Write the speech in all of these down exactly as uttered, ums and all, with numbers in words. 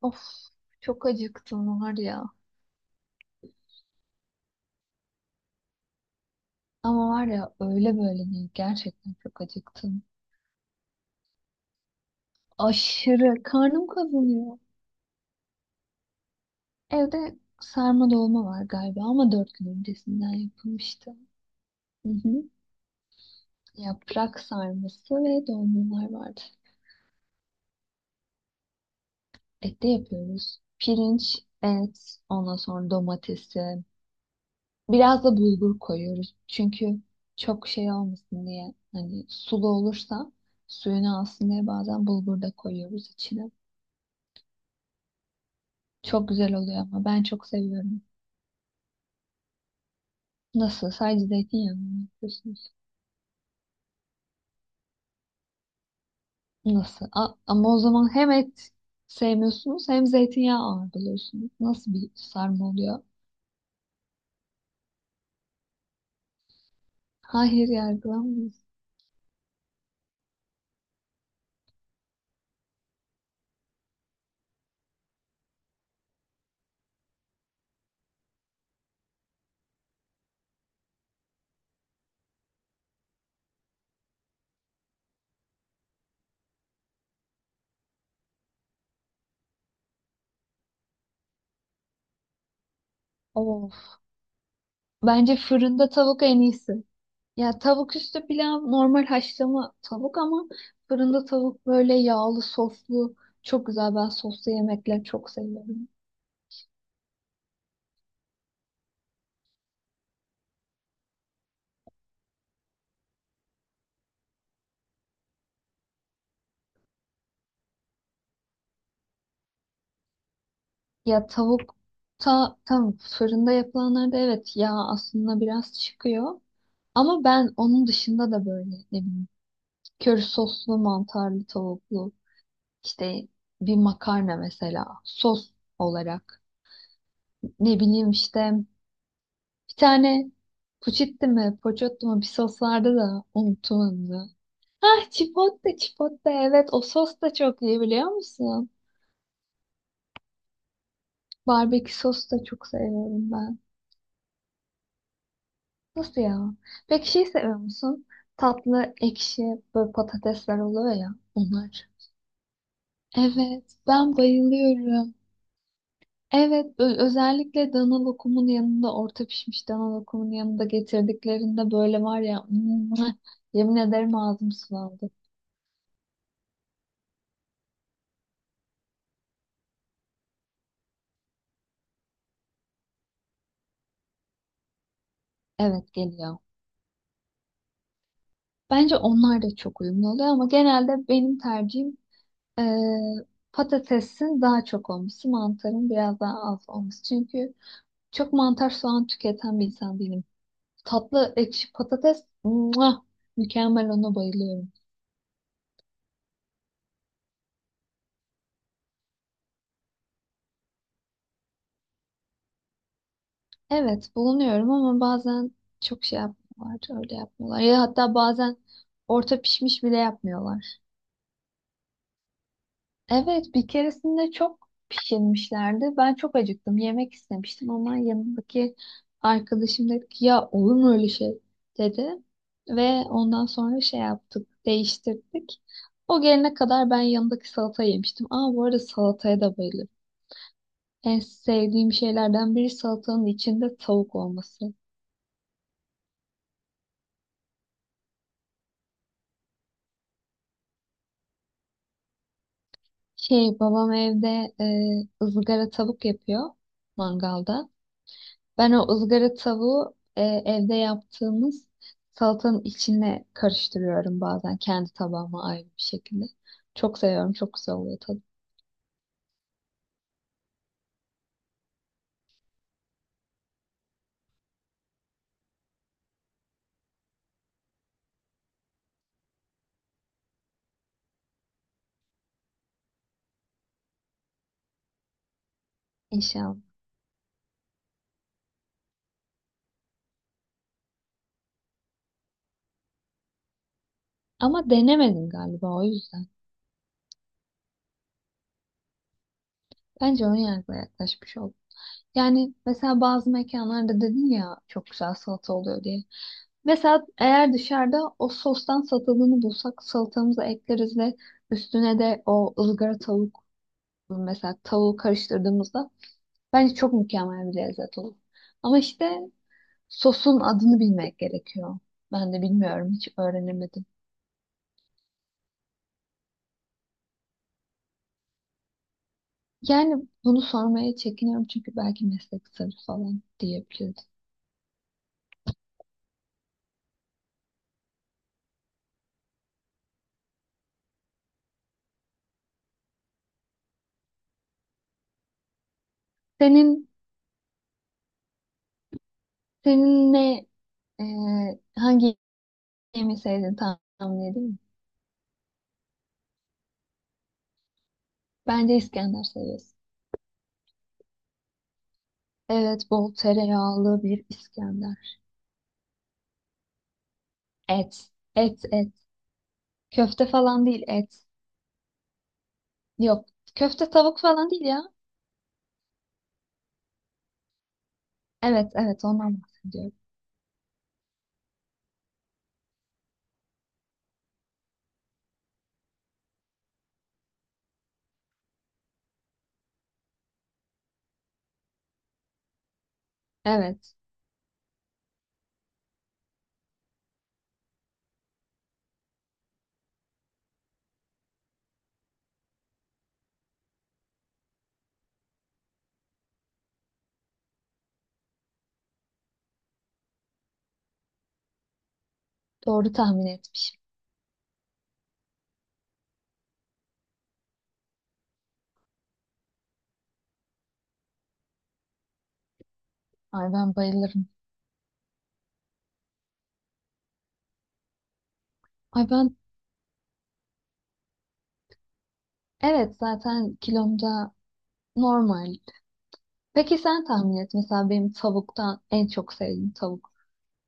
Of, çok acıktım var ya. Ama var ya öyle böyle değil. Gerçekten çok acıktım. Aşırı karnım kazanıyor. Evde sarma dolma var galiba ama dört gün öncesinden yapılmıştı. Hı hı. Yaprak sarması ve dolmalar vardı. Et de yapıyoruz. Pirinç, et, ondan sonra domatesi. Biraz da bulgur koyuyoruz. Çünkü çok şey olmasın diye. Hani sulu olursa suyunu alsın diye bazen bulgur da koyuyoruz içine. Çok güzel oluyor ama ben çok seviyorum. Nasıl? Sadece zeytinyağı mı yapıyorsunuz? Nasıl? A- ama o zaman hem et sevmiyorsunuz hem zeytinyağı ağır buluyorsunuz. Nasıl bir sarma oluyor? Hayır, yargılamayız. Of. Bence fırında tavuk en iyisi. Ya tavuk üstü pilav normal haşlama tavuk ama fırında tavuk böyle yağlı soslu çok güzel. Ben soslu yemekler çok seviyorum. Ya tavukta tam fırında yapılanlarda evet yağ aslında biraz çıkıyor. Ama ben onun dışında da böyle ne bileyim köri soslu mantarlı tavuklu işte bir makarna mesela sos olarak ne bileyim işte bir tane puçitti mi poçottu mu bir sos vardı da unuttum onu. Ah, chipotle, chipotle, evet o sos da çok iyi biliyor musun? Barbekü sos da çok seviyorum ben. Nasıl ya? Peki şey seviyor musun? Tatlı, ekşi, böyle patatesler oluyor ya onlar. Evet, ben bayılıyorum. Evet, ö- özellikle dana lokumun yanında, orta pişmiş dana lokumun yanında getirdiklerinde böyle var ya, mwah, yemin ederim ağzım sulandı. Evet, geliyor. Bence onlar da çok uyumlu oluyor ama genelde benim tercihim eee, patatesin daha çok olması, mantarın biraz daha az olması. Çünkü çok mantar soğan tüketen bir insan değilim. Tatlı ekşi patates. Muah! Mükemmel, ona bayılıyorum. Evet bulunuyorum ama bazen çok şey yapmıyorlar. Öyle yapmıyorlar. Ya hatta bazen orta pişmiş bile yapmıyorlar. Evet bir keresinde çok pişirmişlerdi. Ben çok acıktım. Yemek istemiştim ama yanındaki arkadaşım dedi ki ya olur mu öyle şey dedi. Ve ondan sonra şey yaptık. Değiştirdik. O gelene kadar ben yanındaki salata yemiştim. Aa, bu arada salataya da bayılıyorum. En sevdiğim şeylerden biri salatanın içinde tavuk olması. Şey, babam evde e, ızgara tavuk yapıyor mangalda. Ben o ızgara tavuğu e, evde yaptığımız salatanın içine karıştırıyorum bazen kendi tabağıma ayrı bir şekilde. Çok seviyorum. Çok güzel oluyor tadı. İnşallah. Ama denemedim galiba o yüzden. Bence ön yargıla yaklaşmış oldum. Yani mesela bazı mekanlarda dedin ya çok güzel salata oluyor diye. Mesela eğer dışarıda o sostan satıldığını bulsak salatamıza ekleriz ve üstüne de o ızgara tavuk mesela tavuğu karıştırdığımızda bence çok mükemmel bir lezzet olur. Ama işte sosun adını bilmek gerekiyor. Ben de bilmiyorum, hiç öğrenemedim. Yani bunu sormaya çekiniyorum çünkü belki meslek sırrı falan diyebiliriz. Senin senin ne e, hangi yemeği sevdiğini tahmin edeyim mi? Bence İskender seviyorsun. Evet, bol tereyağlı bir İskender. Et, et, et. Köfte falan değil, et. Yok, köfte tavuk falan değil ya. Evet, evet, ondan bahsediyorum. Evet, doğru tahmin etmişim. Ay ben bayılırım. Ay ben, evet zaten kilomda normal. Peki sen tahmin et mesela benim tavuktan en çok sevdiğim tavuk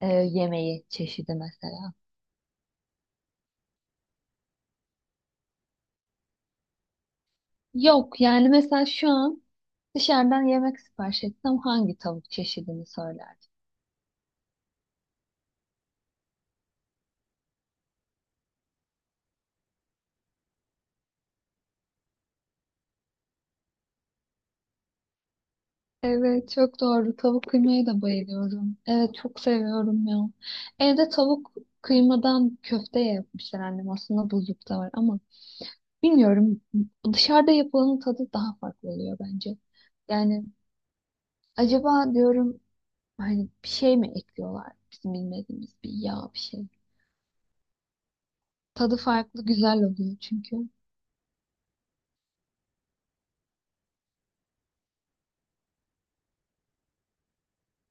e, yemeği çeşidi mesela. Yok yani mesela şu an dışarıdan yemek sipariş etsem hangi tavuk çeşidini söyler? Evet çok doğru. Tavuk kıymaya da bayılıyorum. Evet çok seviyorum ya. Evde tavuk kıymadan köfte yapmışlar annem. Aslında buzlukta var ama bilmiyorum. Dışarıda yapılanın tadı daha farklı oluyor bence. Yani acaba diyorum hani bir şey mi ekliyorlar? Bizim bilmediğimiz bir yağ, bir şey. Tadı farklı, güzel oluyor çünkü.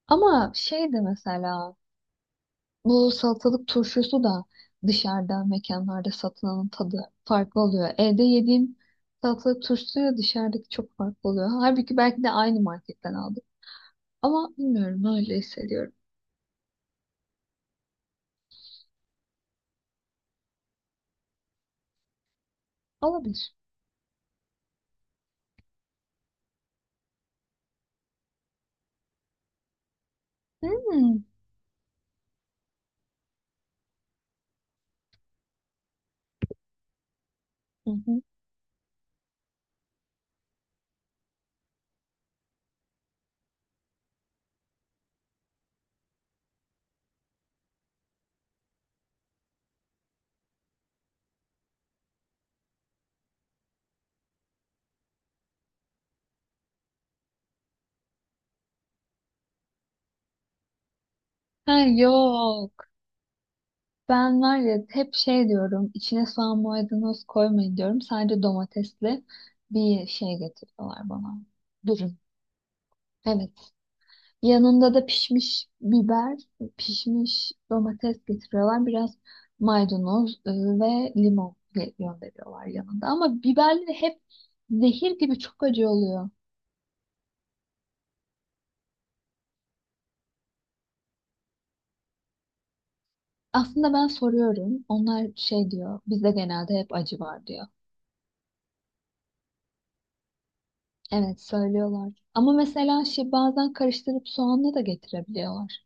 Ama şey de mesela bu salatalık turşusu da dışarıda mekanlarda satılanın tadı farklı oluyor. Evde yediğim salatalık turşusuyla dışarıdaki çok farklı oluyor. Halbuki belki de aynı marketten aldım. Ama bilmiyorum, öyle hissediyorum. Olabilir. Hmm. Hı hı. Ha, yok. Ben var ya hep şey diyorum. İçine soğan maydanoz koymayın diyorum. Sadece domatesli bir şey getiriyorlar bana. Dürüm. Evet. Yanında da pişmiş biber, pişmiş domates getiriyorlar. Biraz maydanoz e, ve limon ge- gönderiyorlar yanında. Ama biberleri hep zehir gibi çok acı oluyor. Aslında ben soruyorum. Onlar şey diyor. Bizde genelde hep acı var diyor. Evet söylüyorlar. Ama mesela şey bazen karıştırıp soğanla da getirebiliyorlar.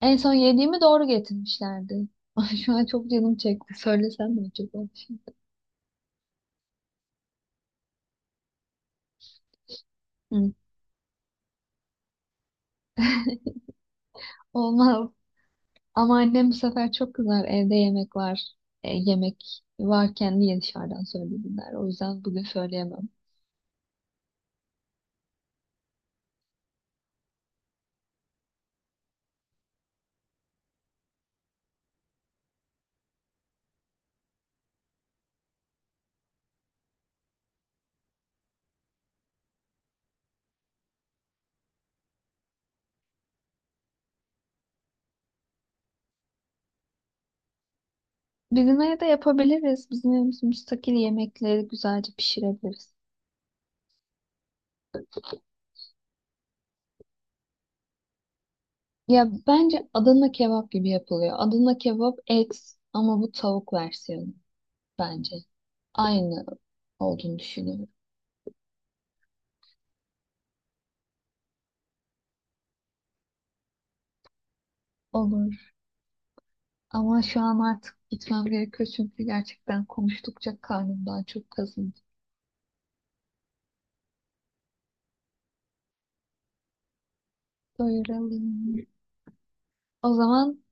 En son yediğimi doğru getirmişlerdi. Ay şu an çok canım çekti. Söylesem mi acaba şimdi? Hı. Olmaz. Ama annem bu sefer çok kızar. Evde yemek var. E, yemek varken niye dışarıdan söyledin der. O yüzden bugün söyleyemem. Bizim evde yapabiliriz. Bizim evimiz müstakil, yemekleri güzelce pişirebiliriz. Ya bence Adana kebap gibi yapılıyor. Adana kebap et ama bu tavuk versiyonu bence. Aynı olduğunu düşünüyorum. Olur. Ama şu an artık gitmem gerekiyor çünkü gerçekten konuştukça karnımdan çok kazındı. Doyuralım. O zaman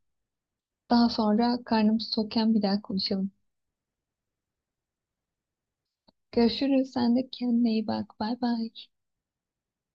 daha sonra karnım tokken bir daha konuşalım. Görüşürüz. Sen de kendine iyi bak. Bay bay.